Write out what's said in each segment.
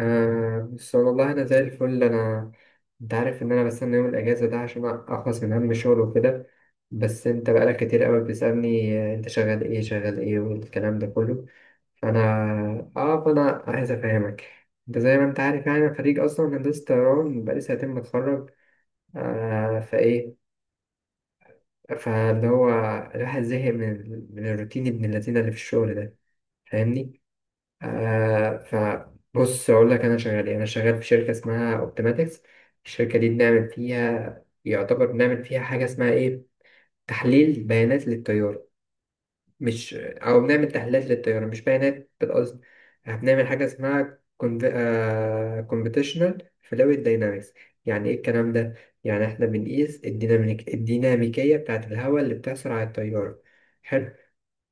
آه، بس والله أنا زي الفل. أنت عارف إن أنا بستنى يوم الأجازة ده عشان أخلص من هم الشغل وكده. بس أنت بقالك كتير أوي بتسألني، أنت شغال إيه شغال إيه والكلام ده كله. فأنا فأنا عايز أفهمك. أنت زي ما أنت عارف يعني أنا خريج أصلا هندسة طيران بقالي سنتين متخرج. آه فإيه فاللي هو الواحد زهق من الروتين ابن اللذينة اللي في الشغل ده. فاهمني؟ فبص اقول لك انا شغال إيه. انا شغال في شركه اسمها اوبتيماتكس. الشركه دي بنعمل فيها، يعتبر بنعمل فيها حاجه اسمها ايه، تحليل بيانات للطياره. مش او بنعمل تحليلات للطياره مش بيانات بالقصد. إحنا بنعمل حاجه اسمها كومبيتيشنال فلويد داينامكس. يعني ايه الكلام ده؟ يعني احنا بنقيس الديناميك الديناميكيه بتاعه الهواء اللي بتحصل على الطياره. حلو.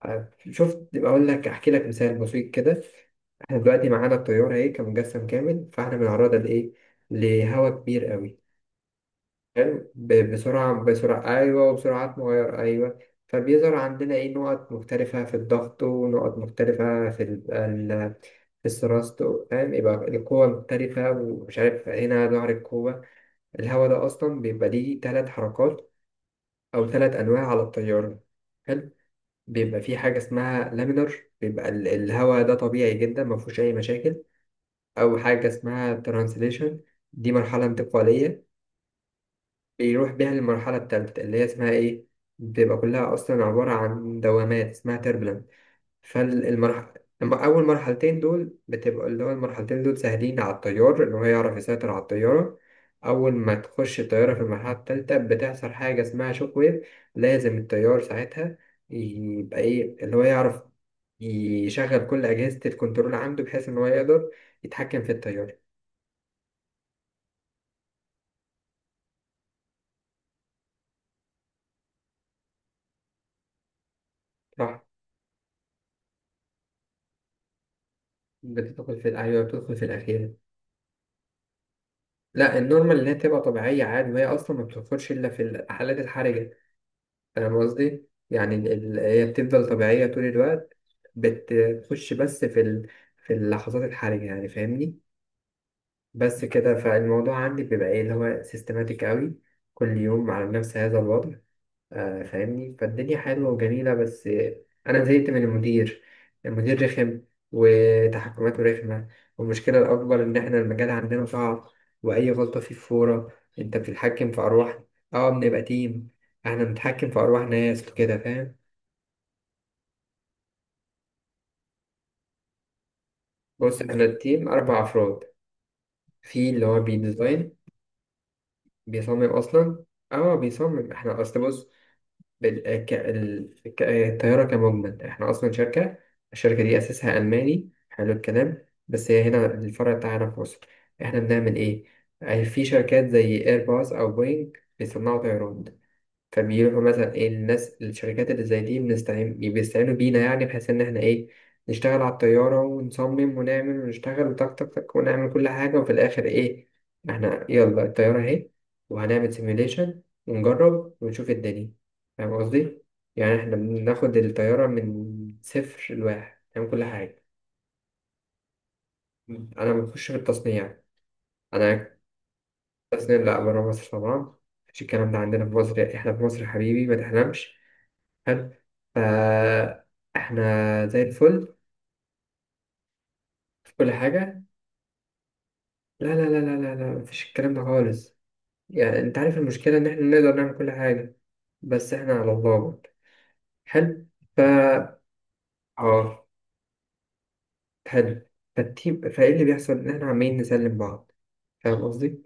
طيب، شفت بقول لك احكي لك مثال بسيط كده. احنا دلوقتي معانا الطيارة ايه كمجسم كامل، فاحنا بنعرضها لايه، لهواء كبير قوي. حلو. بسرعة بسرعة ايوه، وبسرعات مغيرة ايوه. فبيظهر عندنا ايه، نقط مختلفة في الضغط ونقط مختلفة في في الثرست. فاهم؟ يبقى القوة مختلفة ومش عارف هنا ظهر القوة. الهواء ده أصلا بيبقى ليه تلات حركات أو تلات أنواع على الطيارة. حلو. بيبقى في حاجة اسمها لامينر، بيبقى الهواء ده طبيعي جدا ما فيهوش أي مشاكل. أو حاجة اسمها ترانسليشن، دي مرحلة انتقالية. بيروح بيها للمرحلة التالتة اللي هي اسمها إيه، بتبقى كلها أصلا عبارة عن دوامات اسمها turbulence. فالمرحلة، أول مرحلتين دول بتبقى اللي هو المرحلتين دول سهلين على الطيار إن هو يعرف يسيطر على الطيارة. أول ما تخش الطيارة في المرحلة التالتة بتحصل حاجة اسمها شوك ويف. لازم الطيار ساعتها يبقى إيه اللي هو يعرف يشغل كل أجهزة الكنترول عنده بحيث إن هو يقدر يتحكم في الطيارة. صح. بتدخل في، أيوه، بتدخل في الأخيرة. لا، النورمال اللي هي تبقى طبيعية عادي، وهي أصلا ما بتدخلش إلا في الحالات الحرجة. فاهم قصدي؟ يعني هي بتفضل طبيعية طول الوقت، بتخش بس في ال... في اللحظات الحرجة يعني. فاهمني؟ بس كده، فالموضوع عندي بيبقى ايه اللي هو سيستماتيك قوي، كل يوم على نفس هذا الوضع. فاهمني، فالدنيا حلوة وجميلة، بس أنا زهقت من المدير. المدير رخم وتحكماته رخمة. والمشكلة الأكبر إن إحنا المجال عندنا صعب وأي غلطة فيه فورة، أنت بتتحكم في أرواح. أه، بنبقى تيم. إحنا بنتحكم في أرواح ناس وكده، فاهم. بص، إحنا التيم أربع أفراد. في اللي هو بيديزاين، بيصمم أصلا. أه بيصمم. إحنا أصل، بص، الطيارة كمجمل، احنا أصلا شركة. الشركة دي أساسها ألماني، حلو الكلام، بس هي هنا الفرع بتاعنا في مصر. احنا بنعمل إيه؟ أي في شركات زي إيرباص أو بوينج بيصنعوا طيران، فبيروحوا مثلا ايه، الناس الشركات اللي زي دي بنستعين، بيستعينوا بينا، يعني بحيث ان احنا ايه، نشتغل على الطيارة ونصمم ونعمل ونشتغل وتك تك تك ونعمل كل حاجة، وفي الآخر ايه، احنا يلا الطيارة اهي، وهنعمل سيميوليشن ونجرب ونشوف الدنيا. فاهم قصدي؟ يعني احنا بناخد الطيارة من صفر لواحد نعمل كل حاجة. أنا بخش في التصنيع. أنا التصنيع لأ، برا مصر طبعا. مفيش الكلام ده عندنا في مصر، احنا في مصر يا حبيبي ما تحلمش. حلو. فا احنا زي الفل، في كل حاجة. لا لا لا لا لا لا، مفيش الكلام ده خالص. يعني انت عارف المشكلة ان احنا نقدر نعمل كل حاجة بس احنا على الله برضه. حلو. فا اه حلو. فالتيم، اللي بيحصل ان احنا عمالين نسلم بعض. فاهم قصدي؟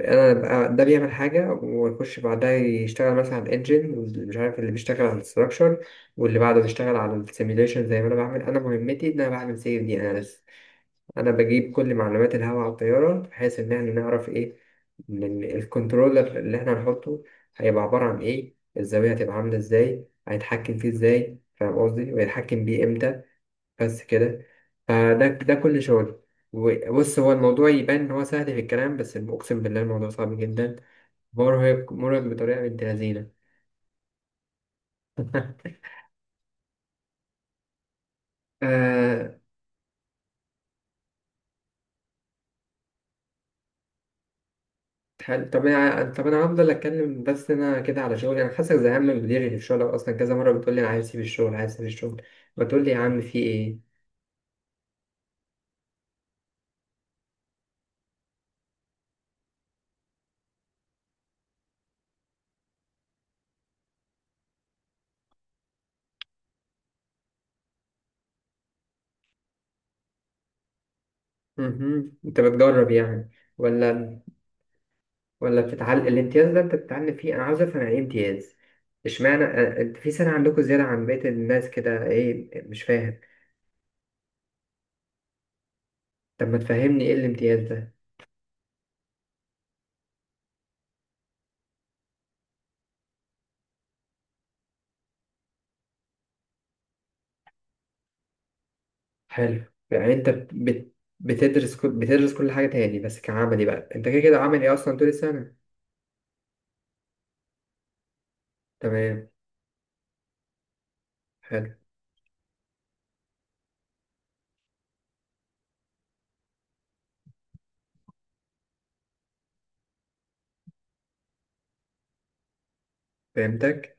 انا بقى ده بيعمل حاجة ويخش بعدها يشتغل مثلا على الانجن، ومش عارف اللي بيشتغل على الستراكشر، واللي بعده بيشتغل على السيميليشن، زي ما انا بعمل. انا مهمتي ان انا بعمل سيف دي انا بس. انا بجيب كل معلومات الهواء على الطياره بحيث ان احنا نعرف ايه، إن الكنترولر اللي احنا هنحطه هيبقى عباره عن ايه، الزاويه هتبقى عامله ازاي، هيتحكم فيه ازاي، فاهم قصدي، ويتحكم بيه امتى. بس كده. فده كل شغل. بص، هو الموضوع يبان ان هو سهل في الكلام، بس اقسم بالله الموضوع صعب جدا. مرهق مرهق بطريقه بنت لذينه. آه، حلو. طب انا هفضل اتكلم، بس انا كده على شغلي. انا حاسسك زهقان من مديري في الشغل، اصلا كذا مره بتقول لي انا عايز اسيب الشغل، عايز اسيب الشغل، بتقول لي يا عم في ايه. مهم. انت بتجرب يعني ولا ولا بتتعلم؟ الامتياز ده انت بتتعلم فيه؟ انا عاوز افهم يعني ايه امتياز. اشمعنى انت في سنه عندكم زياده عن بقيه الناس كده؟ ايه؟ مش فاهم. طب ما تفهمني ايه الامتياز ده. حلو. يعني انت بت... بتدرس كل... بتدرس كل حاجه تاني، بس كعملي بقى انت كده كده عملي اصلا طول السنه. تمام. حلو. فهمتك.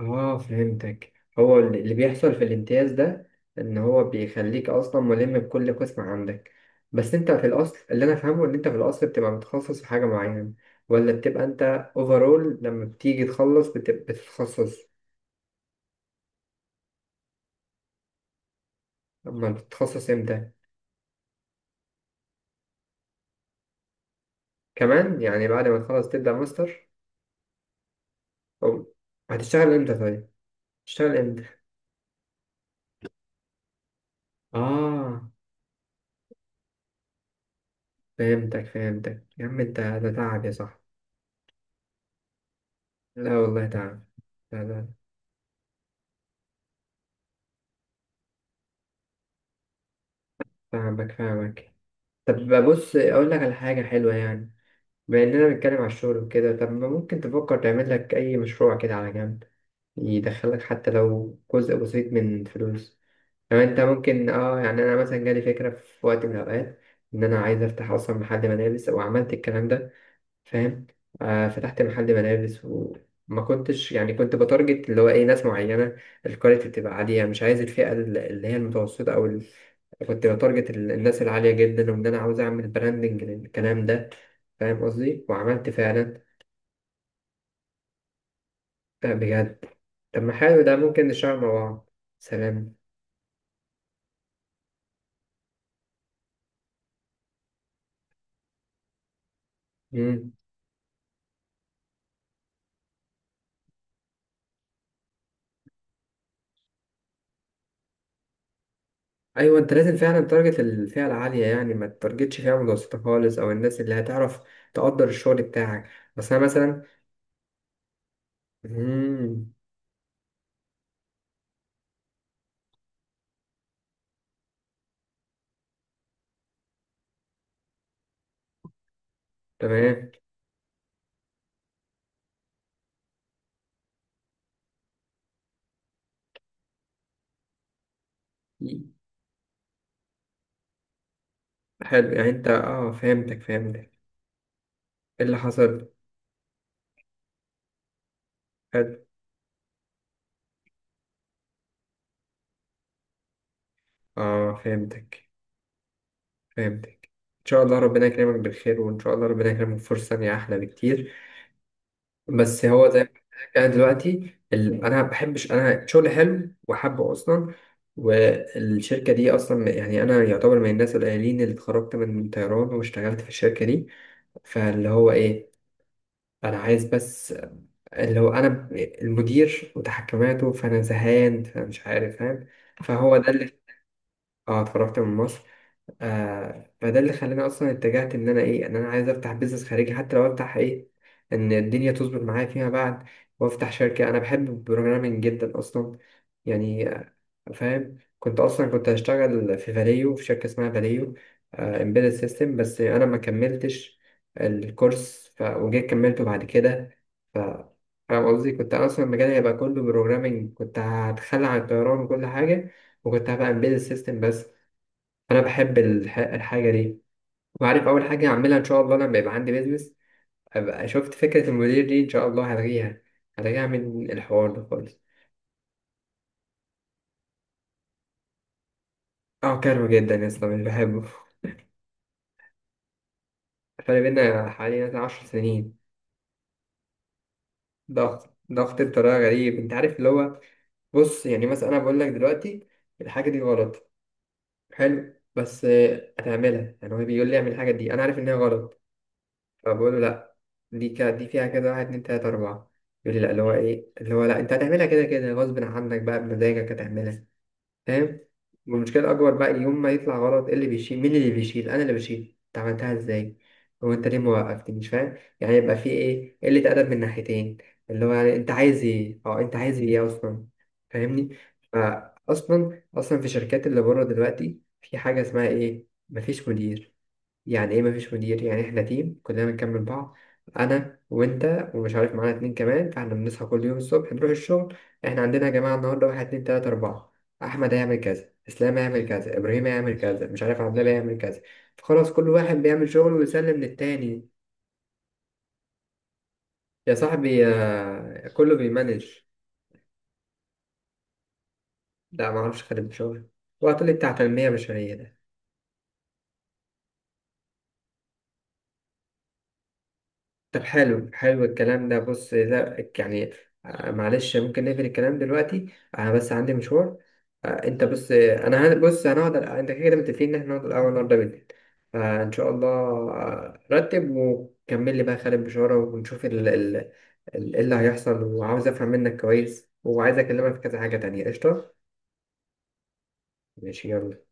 اه فهمتك. هو اللي بيحصل في الامتياز ده ان هو بيخليك اصلا ملم بكل قسم عندك. بس انت في الاصل، اللي انا فاهمه، ان انت في الاصل بتبقى متخصص في حاجة معينة، ولا بتبقى انت اوفرول لما بتيجي تخلص بتبقى بتتخصص؟ اما بتتخصص امتى؟ كمان يعني، بعد ما تخلص تبدأ ماستر؟ او هتشتغل امتى طيب؟ هتشتغل امتى؟ اه فهمتك فهمتك يا عم، انت ده تعب يا صاحبي. لا والله تعب. لا لا، فاهمك فاهمك. طب بص اقول لك على حاجه حلوه يعني، بما اننا بنتكلم على الشغل وكده. طب ما ممكن تفكر تعمل لك اي مشروع كده على جنب، يدخلك حتى لو جزء بسيط من فلوس. لو انت ممكن، اه يعني انا مثلا جالي فكره في وقت من الاوقات ان انا عايز افتح اصلا محل ملابس، وعملت الكلام ده. فاهم. فتحت محل ملابس، وما كنتش يعني كنت بتارجت اللي هو ايه، ناس معينة، الكواليتي بتبقى عالية، مش عايز الفئة اللي هي المتوسطة او ال... كنت بتارجت الناس العالية جدا، وان انا عاوز اعمل براندنج للكلام ده. فاهم قصدي؟ وعملت فعلا. آه بجد. طب ما حلو، ده ممكن نشتغل مع بعض. سلام. مم. ايوه. انت لازم فعلا تارجت الفئة العالية، يعني ما تارجتش فئة متوسطة خالص، او الناس اللي هتعرف تقدر الشغل بتاعك. بس انا مثلا. مم. تمام. حلو. يعني انت، اه، فهمتك فهمتك. ايه اللي حصل؟ حلو. اه فهمتك فهمتك. ان شاء الله ربنا يكرمك بالخير، وان شاء الله ربنا يكرمك فرصة تانية احلى بكتير. بس هو زي ما قلت لك، انا دلوقتي ال... انا بحبش، انا شغلي حلو وحابه اصلا. والشركة دي اصلا يعني انا يعتبر من الناس القليلين اللي اتخرجت من طيران واشتغلت في الشركة دي. فاللي هو ايه، انا عايز بس، لو انا المدير وتحكماته، فانا زهقان فمش عارف، فاهم. فهو ده اللي، اه، اتفرجت من مصر. فده اللي خلاني اصلا اتجهت ان انا ايه، ان انا عايز افتح بيزنس خارجي، حتى لو افتح ايه، ان الدنيا تظبط معايا فيما بعد. وافتح شركة. انا بحب البروجرامينج جدا اصلا، يعني فاهم. كنت اصلا كنت هشتغل في فاليو، في شركة اسمها فاليو، امبيدد سيستم، بس انا ما كملتش الكورس، وجيت كملته بعد كده. ف فاهم قصدي، كنت اصلا مجالي هيبقى كله بروجرامينج، كنت هتخلى عن الطيران وكل حاجة، وكنت هبقى امبيدد سيستم بس. فانا بحب الحاجه دي. وعارف اول حاجه هعملها ان شاء الله لما يبقى عندي بيزنس، ابقى شفت فكره المدير دي ان شاء الله هلغيها. هلغيها من الحوار ده خالص. اه كارهه جدا يا اسطى، مش بحبه. فرق بينا حوالي مثلا 10 سنين. ضغط ضغط بطريقه غريب، انت عارف اللي هو، بص يعني مثلا انا بقول لك دلوقتي الحاجه دي غلط، حلو، بس هتعملها، يعني هو بيقول لي اعمل الحاجه دي، انا عارف انها غلط، فبقول له لا، دي فيها كده واحد اتنين تلاتة أربعة، يقول لي لا، اللي هو إيه، اللي هو لا، أنت هتعملها كده كده، غصب عنك بقى بمزاجك هتعملها. فاهم. والمشكلة الأكبر بقى، يوم ما يطلع غلط، إيه اللي بيشيل، مين اللي بيشيل، أنا اللي بشيل، أنت عملتها إزاي، هو أنت ليه ما وقفتني، مش فاهم. يعني يبقى في إيه، قلة أدب من ناحيتين، اللي هو يعني أنت عايز إيه، أه أنت عايز إيه أصلا. فاهمني. فأصلا أصلا في شركات اللي بره دلوقتي في حاجة اسمها إيه، مفيش مدير. يعني ايه مفيش مدير، يعني احنا تيم كلنا بنكمل بعض، انا وانت ومش عارف معانا اتنين كمان، فاحنا بنصحى كل يوم الصبح نروح الشغل، احنا عندنا يا جماعه النهارده واحد اتنين تلاته اربعه، احمد هيعمل كذا، اسلام هيعمل كذا، ابراهيم هيعمل كذا، مش عارف عبد الله هيعمل كذا، فخلاص كل واحد بيعمل شغله ويسلم للتاني. يا صاحبي يا كله بيمانج. لا معرفش. خدم شغل وقت لي بتاع تنميه بشريه؟ طب حلو، حلو الكلام ده، بص لا يعني، معلش ممكن نقفل الكلام دلوقتي، انا بس عندي مشوار. انت بس، بص هنقعد، انت كده كده متفقين ان احنا نقعد الاول النهارده بالليل، فان شاء الله. رتب وكمل لي بقى خالد بشارة، ونشوف إيه اللي هيحصل، وعاوز افهم منك كويس، وعايز اكلمك في كذا حاجة تانية. قشطة. ماشي يلا.